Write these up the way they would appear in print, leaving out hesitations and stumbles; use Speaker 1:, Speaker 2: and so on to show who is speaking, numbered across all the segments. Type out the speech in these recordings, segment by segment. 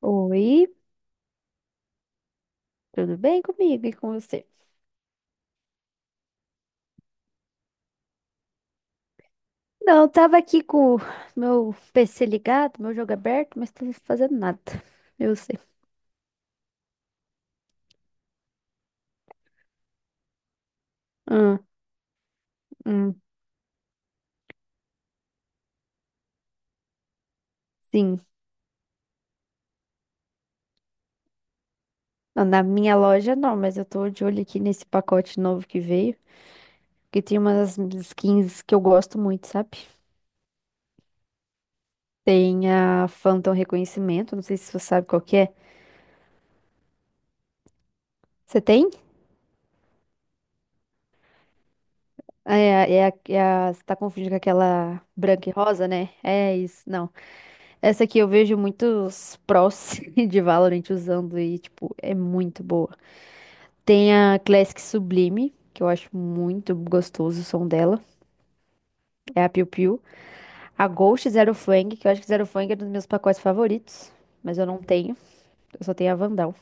Speaker 1: Oi, tudo bem comigo e com você? Não, eu tava aqui com o meu PC ligado, meu jogo aberto, mas tava fazendo nada. Eu sei. Hum, hum, sim. Não, na minha loja não, mas eu tô de olho aqui nesse pacote novo que veio, que tem umas skins que eu gosto muito, sabe? Tem a Phantom Reconhecimento, não sei se você sabe qual que é. Você tem? Você tá confundindo com aquela branca e rosa, né? É isso. Não, essa aqui eu vejo muitos prós de Valorant usando e, tipo, é muito boa. Tem a Classic Sublime, que eu acho muito gostoso o som dela. É a Piu Piu. A Ghost Zero Fang, que eu acho que Zero Fang é um dos meus pacotes favoritos. Mas eu não tenho. Eu só tenho a Vandal.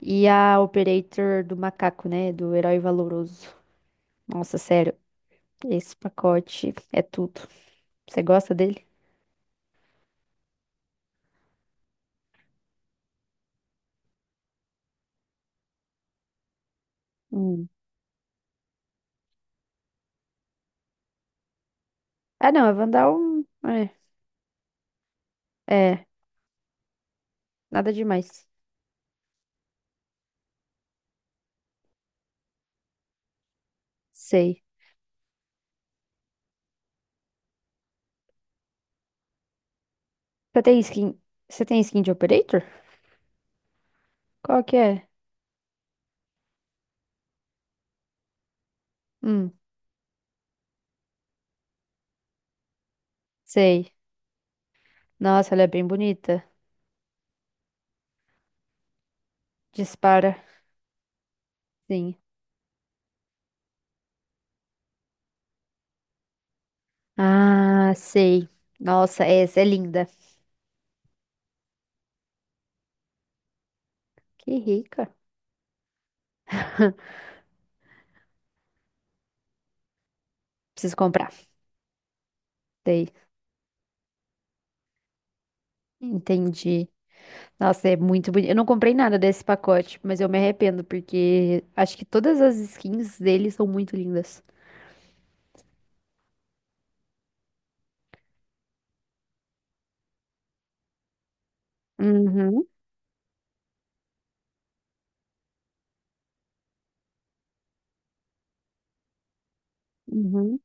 Speaker 1: E a Operator do Macaco, né? Do Herói Valoroso. Nossa, sério. Esse pacote é tudo. Você gosta dele? Hum. Ah, não. A Vandal. É. É. Nada demais. Sei. Você tem skin, você tem skin de Operator? Qual que é? Hum, sei. Nossa, ela é bem bonita. Dispara. Sim. Ah, sei. Nossa, essa é linda. Que rica. Preciso comprar. Sei. Entendi. Nossa, é muito bonito. Eu não comprei nada desse pacote, mas eu me arrependo porque acho que todas as skins dele são muito lindas. Uhum, uhum.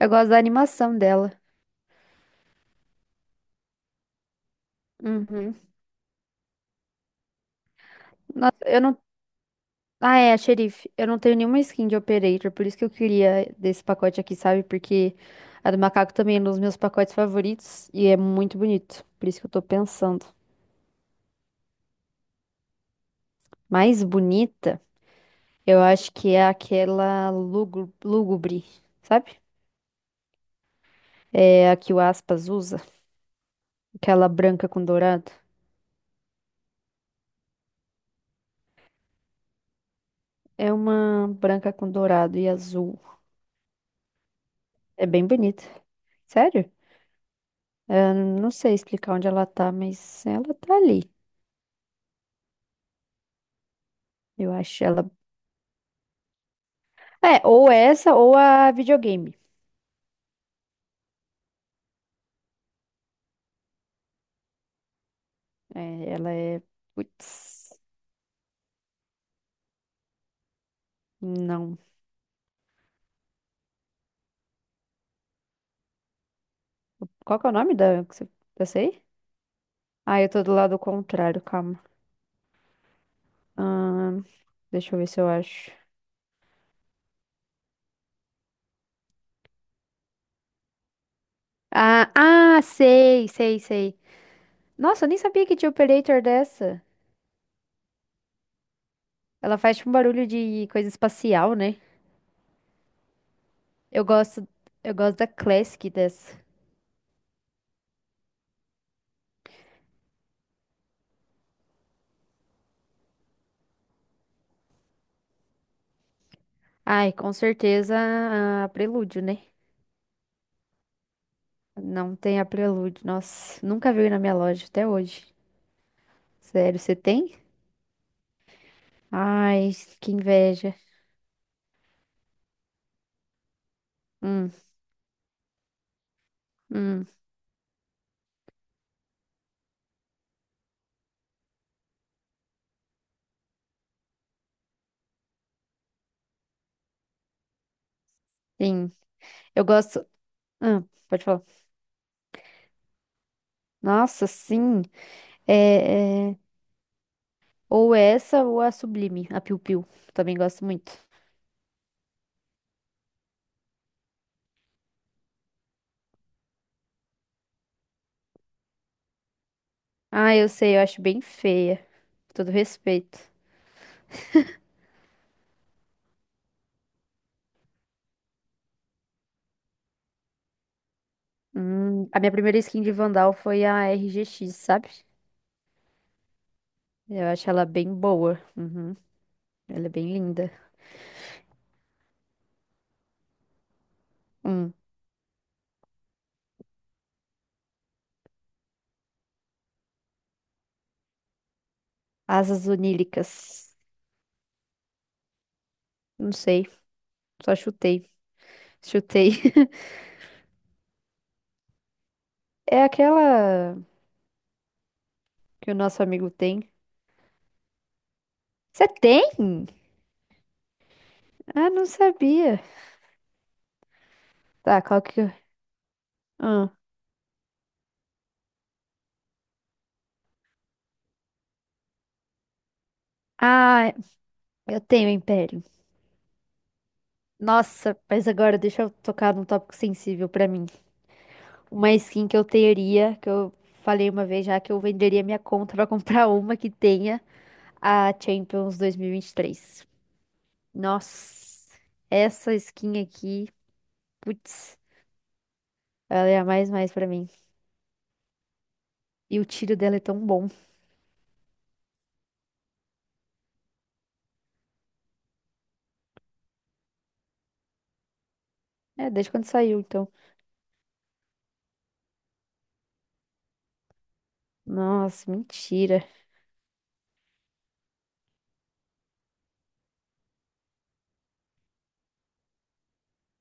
Speaker 1: Eu gosto da animação dela. Uhum. Nossa, eu não. Ah, é, xerife. Eu não tenho nenhuma skin de Operator, por isso que eu queria desse pacote aqui, sabe? Porque a do macaco também é um dos meus pacotes favoritos e é muito bonito. Por isso que eu tô pensando. Mais bonita, eu acho que é aquela lúgubre, sabe? É a que o Aspas usa, aquela branca com dourado. É uma branca com dourado e azul. É bem bonita. Sério? Eu não sei explicar onde ela tá, mas ela tá ali. Eu acho ela. É, ou essa ou a videogame. É, ela é. Putz, não. Qual que é o nome dessa aí? Ah, eu tô do lado contrário, calma. Ahn, deixa eu ver se eu acho. Ah, ah, sei, sei, sei. Nossa, eu nem sabia que tinha operator dessa. Ela faz tipo um barulho de coisa espacial, né? Eu gosto, eu gosto da Classic dessa. Ai, com certeza a Prelúdio, né? Não tem a Prelúdio. Nossa, nunca veio na minha loja até hoje. Sério, você tem? Ai, que inveja. Hum, hum, sim. Eu gosto. Ah, pode falar. Nossa, sim. É, é, ou essa ou a Sublime, a Piu Piu. Também gosto muito. Ah, eu sei, eu acho bem feia. Com todo respeito. A minha primeira skin de Vandal foi a RGX, sabe? Eu acho ela bem boa. Uhum, ela é bem linda. Hum, asas onílicas. Não sei, só chutei. Chutei. É aquela que o nosso amigo tem. Você tem? Ah, não sabia. Tá, qual que eu... Ah, ah, eu tenho império. Nossa, mas agora deixa eu tocar num tópico sensível pra mim. Uma skin que eu teria, que eu falei uma vez já, que eu venderia minha conta pra comprar uma que tenha a Champions 2023. Nossa, essa skin aqui, putz, ela é a mais mais pra mim. E o tiro dela é tão bom. É, desde quando saiu, então. Nossa, mentira.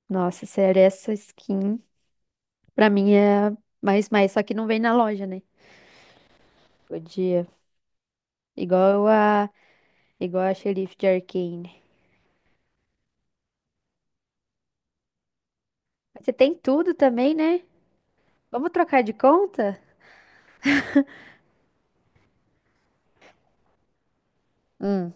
Speaker 1: Nossa, sério, essa skin. Pra mim é mais, mais, só que não vem na loja, né? Podia. Igual a, igual a xerife de Arcane. Mas você tem tudo também, né? Vamos trocar de conta? Hum,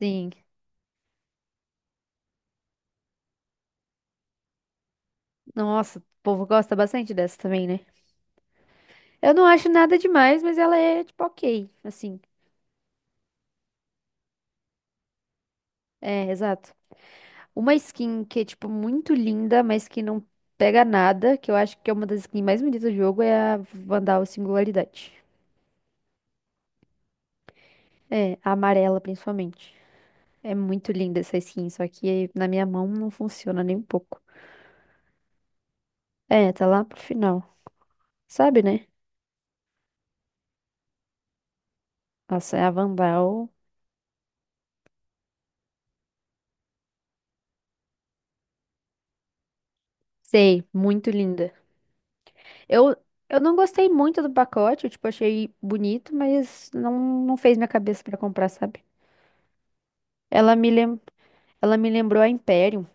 Speaker 1: sim. Nossa, o povo gosta bastante dessa também, né? Eu não acho nada demais, mas ela é, tipo, ok. Assim, é, exato. Uma skin que é, tipo, muito linda, mas que não pega nada, que eu acho que é uma das skins mais bonitas do jogo, é a Vandal Singularidade. É, a amarela, principalmente. É muito linda essa skin, só que na minha mão não funciona nem um pouco. É, tá lá pro final. Sabe, né? Nossa, é a Vandal. Sei, muito linda. Eu, eu não gostei muito do pacote, eu, tipo, achei bonito, mas não fez minha cabeça pra comprar, sabe? Ela me lem... Ela me lembrou a Imperium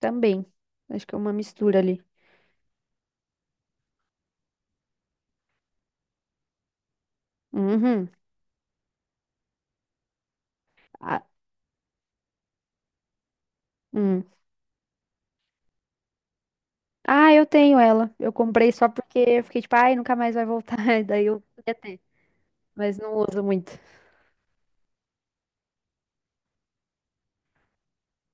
Speaker 1: também. Acho que é uma mistura ali. Uhum. Ah, hum. Ah, eu tenho ela. Eu comprei só porque eu fiquei tipo, ai, nunca mais vai voltar. Daí eu queria ter, mas não uso muito.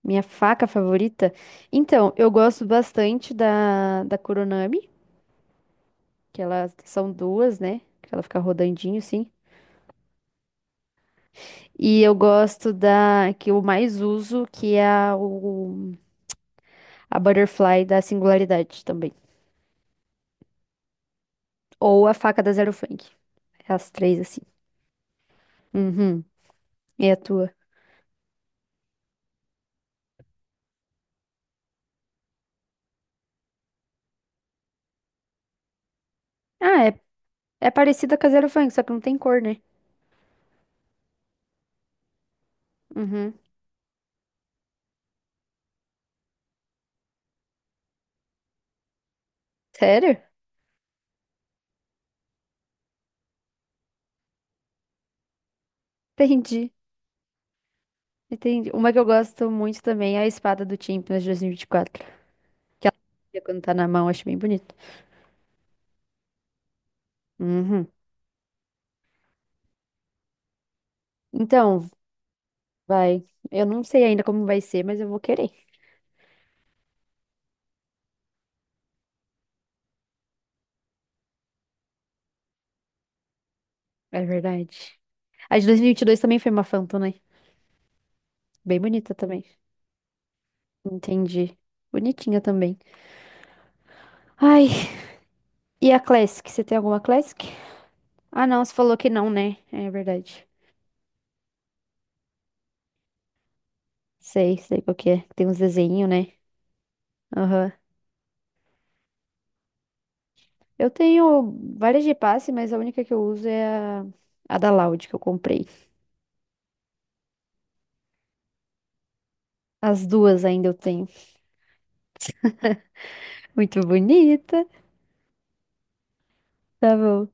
Speaker 1: Minha faca favorita? Então, eu gosto bastante da Kuronami, que elas são duas, né? Que ela fica rodandinho, assim. E eu gosto da que eu mais uso, que é a Butterfly da Singularidade também. Ou a faca da Zero Funk. É as três, assim. Uhum. E a tua? Ah, é parecida com a Zero Funk, só que não tem cor, né? Uhum. Sério? Entendi. Entendi. Uma que eu gosto muito também é a espada do Champions 2024. Que ela fazia quando tá na mão, acho bem bonito. Uhum. Então, vai. Eu não sei ainda como vai ser, mas eu vou querer. É verdade. A de 2022 também foi uma Phantom, né? Bem bonita também. Entendi. Bonitinha também. Ai, e a Classic? Você tem alguma Classic? Ah, não, você falou que não, né? É verdade. Sei, sei qual que é. Tem uns desenhos, né? Aham. Eu tenho várias de passe, mas a única que eu uso é a da Loud que eu comprei. As duas ainda eu tenho. Muito bonita. Tá bom.